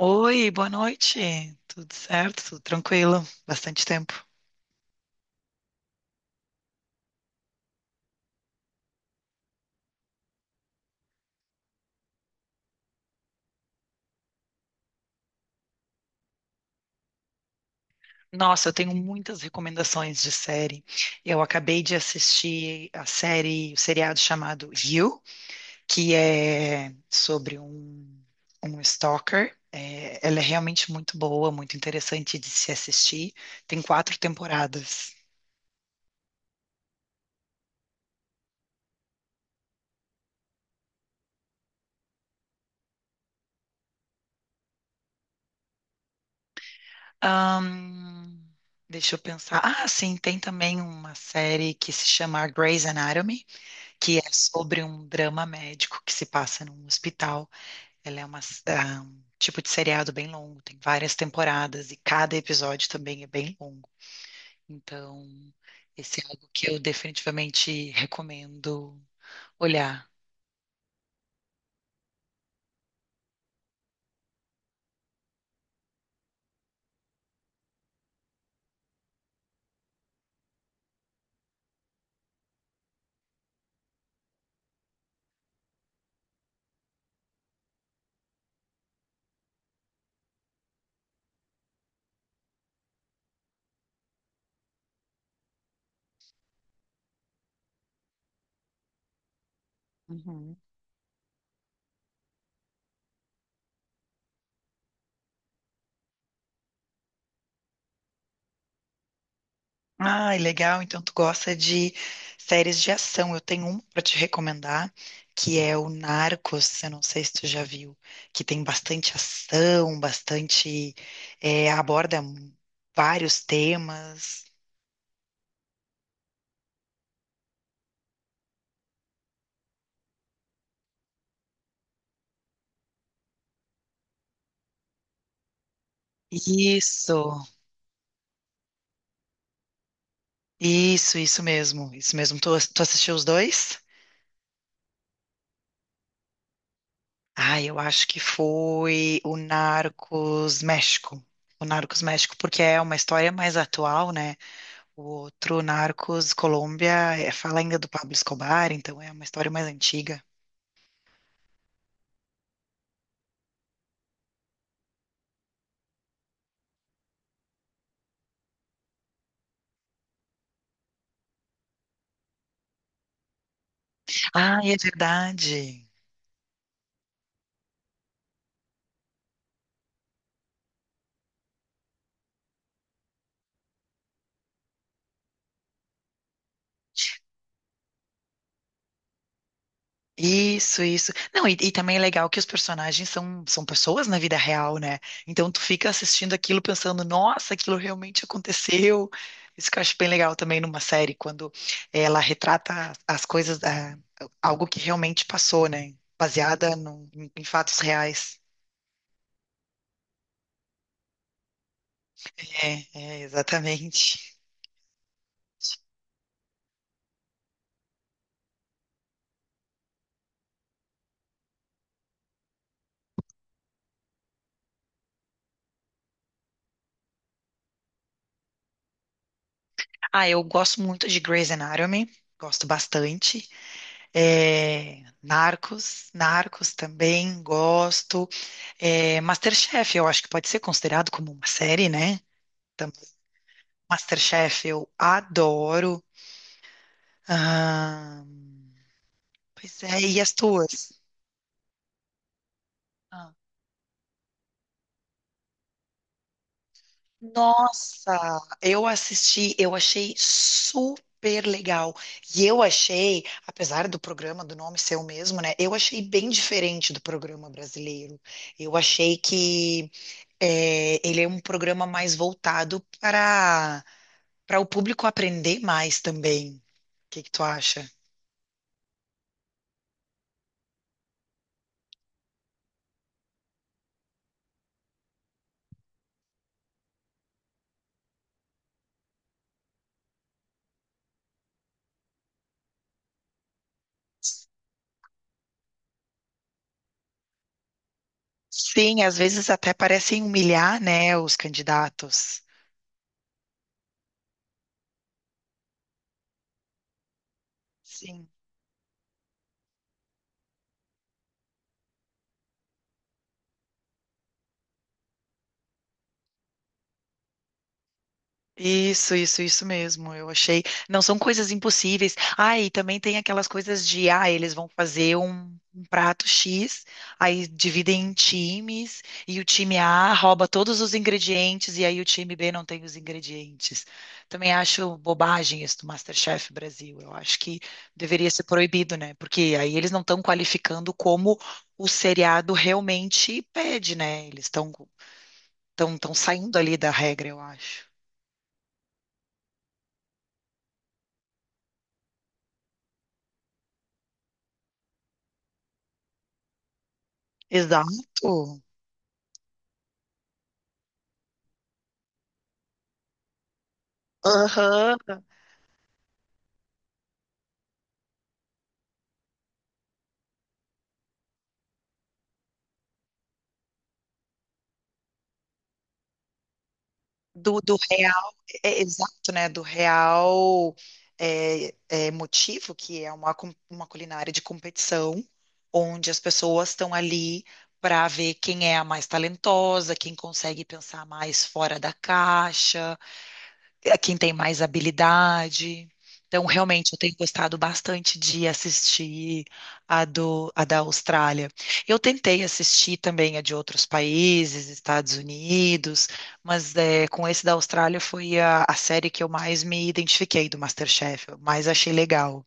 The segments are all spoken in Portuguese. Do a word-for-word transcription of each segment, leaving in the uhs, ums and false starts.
Oi, boa noite. Tudo certo? Tudo tranquilo? Bastante tempo. Nossa, eu tenho muitas recomendações de série. Eu acabei de assistir a série, o seriado chamado You, que é sobre um, um stalker. É, ela é realmente muito boa, muito interessante de se assistir. Tem quatro temporadas. Ahn, deixa eu pensar. Ah, sim, tem também uma série que se chama Grey's Anatomy, que é sobre um drama médico que se passa num hospital. Ela é uma, ah, um tipo de seriado bem longo, tem várias temporadas e cada episódio também é bem longo. Então, esse é algo que eu definitivamente recomendo olhar. Uhum. Ai, legal. Então tu gosta de séries de ação. Eu tenho um para te recomendar, que é o Narcos. Eu não sei se tu já viu, que tem bastante ação, bastante eh, aborda vários temas. Isso, isso, isso mesmo, isso mesmo. Tu, tu assistiu os dois? Ah, eu acho que foi o Narcos México. O Narcos México, porque é uma história mais atual, né? O outro, Narcos, Colômbia, é- fala ainda do Pablo Escobar, então é uma história mais antiga. Ah, é verdade. Isso, isso. Não, e, e também é legal que os personagens são, são pessoas na vida real, né? Então tu fica assistindo aquilo pensando, nossa, aquilo realmente aconteceu. Isso que eu acho bem legal também numa série, quando ela retrata as coisas, ah, algo que realmente passou, né? Baseada num- em, em fatos reais. É, é, exatamente. Ah, eu gosto muito de Grey's Anatomy, gosto bastante. É, Narcos, Narcos também gosto. É, MasterChef, eu acho que pode ser considerado como uma série, né? Também. MasterChef eu adoro. Ah, pois é, e as tuas? Nossa, eu assisti, eu achei super legal. E eu achei, apesar do programa, do nome ser o mesmo, né? Eu achei bem diferente do programa brasileiro. Eu achei que é, ele é um programa mais voltado para para o público aprender mais também. O que que tu acha? Sim, às vezes até parecem humilhar, né, os candidatos. Sim. Isso, isso, isso mesmo. Eu achei. Não são coisas impossíveis. Ah, e também tem aquelas coisas de, ah, eles vão fazer um, um prato X, aí dividem em times, e o time A rouba todos os ingredientes, e aí o time B não tem os ingredientes. Também acho bobagem isso do MasterChef Brasil. Eu acho que deveria ser proibido, né? Porque aí eles não estão qualificando como o seriado realmente pede, né? Eles estão estão saindo ali da regra, eu acho. Exato. Aham. Do, do real, é, é exato, né? Do real é, é, motivo, que é uma, com- uma culinária de competição, onde as pessoas estão ali para ver quem é a mais talentosa, quem consegue pensar mais fora da caixa. É quem tem mais habilidade. Então, realmente, eu tenho gostado bastante de assistir a, do, a da Austrália. Eu tentei assistir também a de outros países, Estados Unidos, mas é, com esse da Austrália foi a, a série que eu mais me identifiquei do MasterChef, eu mais achei legal.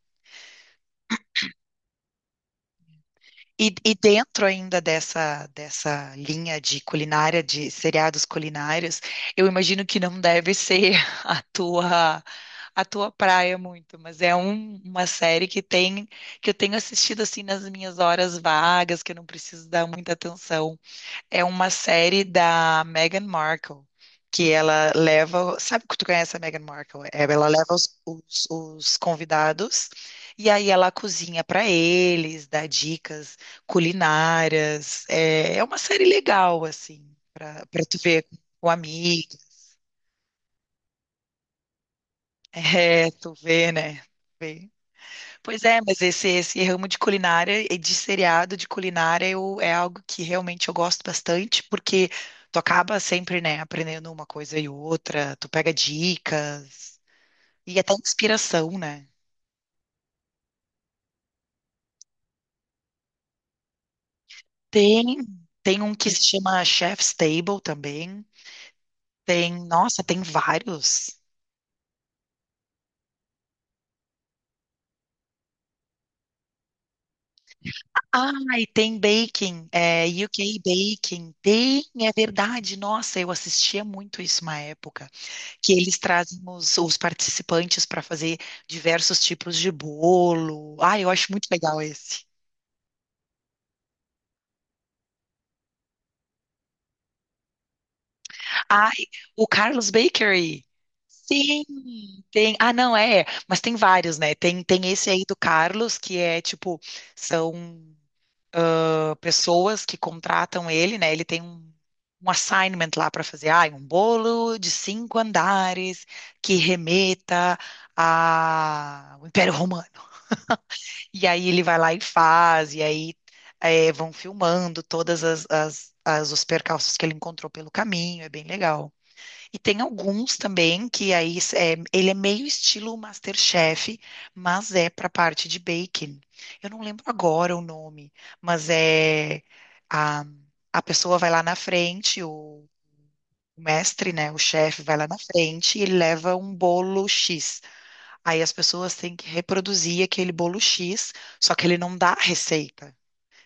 E, e dentro ainda dessa, dessa linha de culinária, de seriados culinários, eu imagino que não deve ser a tua, a tua praia muito, mas é um- uma série que tem, que eu tenho assistido assim nas minhas horas vagas, que eu não preciso dar muita atenção. É uma série da Meghan Markle, que ela leva. Sabe que tu conhece a Meghan Markle? É, ela leva os, os- os convidados e aí ela cozinha para eles, dá dicas culinárias. É, é uma série legal, assim, para tu ver com amigos. É, tu vê, né? Vê. Pois é, mas esse, esse ramo de culinária e de seriado de culinária eu, é algo que realmente eu gosto bastante, porque tu acaba sempre, né, aprendendo uma coisa e outra, tu pega dicas e até inspiração, né? Tem, tem um que se chama Chef's Table também, tem, nossa, tem vários. Ah, e tem baking, é, U K baking, tem, é verdade, nossa, eu assistia muito isso uma época. Que eles trazem os, os participantes para fazer diversos tipos de bolo. Ah, eu acho muito legal esse. Ah, o Carlos Bakery. Sim, tem. Ah, não, é, é, mas tem vários, né? Tem, tem esse aí do Carlos, que é tipo, são ah, pessoas que contratam ele, né? Ele tem um, um assignment lá para fazer, ah, um bolo de cinco andares que remeta ao Império Romano. E aí ele vai lá e faz, e aí é, vão filmando todas as, as- as- os percalços que ele encontrou pelo caminho, é bem legal. E tem alguns também que aí é, ele é meio estilo MasterChef, mas é para a parte de baking. Eu não lembro agora o nome, mas é a, a pessoa vai lá na frente, o, o mestre, né, o chefe vai lá na frente e ele leva um bolo X. Aí as pessoas têm que reproduzir aquele bolo X, só que ele não dá a receita.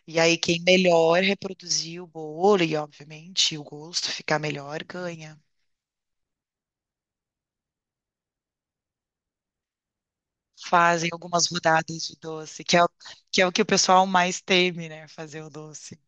E aí quem melhor reproduzir o bolo e, obviamente, o gosto ficar melhor, ganha. Fazem algumas rodadas de doce, que é, o- que é o que o pessoal mais teme, né? Fazer o doce.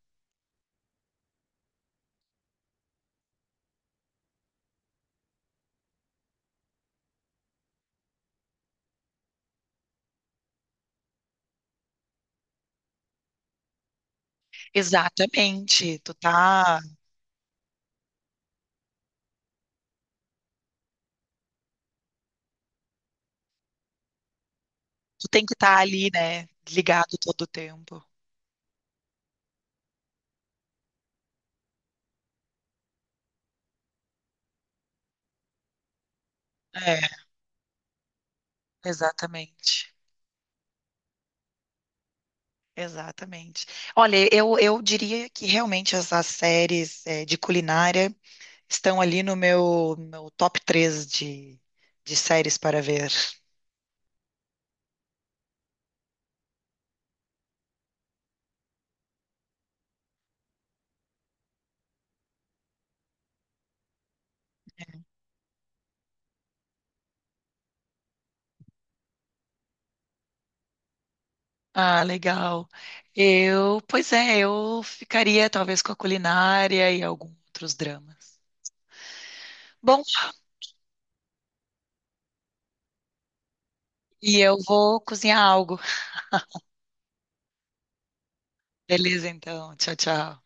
Exatamente. Tu tá, tu tem que estar ali, né? Ligado todo o tempo. É, exatamente. Exatamente. Olha, eu, eu diria que realmente as as séries eh, de culinária estão ali no meu, meu top três de, de séries para ver. Ah, legal. Eu, pois é, eu ficaria talvez com a culinária e alguns outros dramas. Bom, e eu vou cozinhar algo. Beleza, então. Tchau, tchau.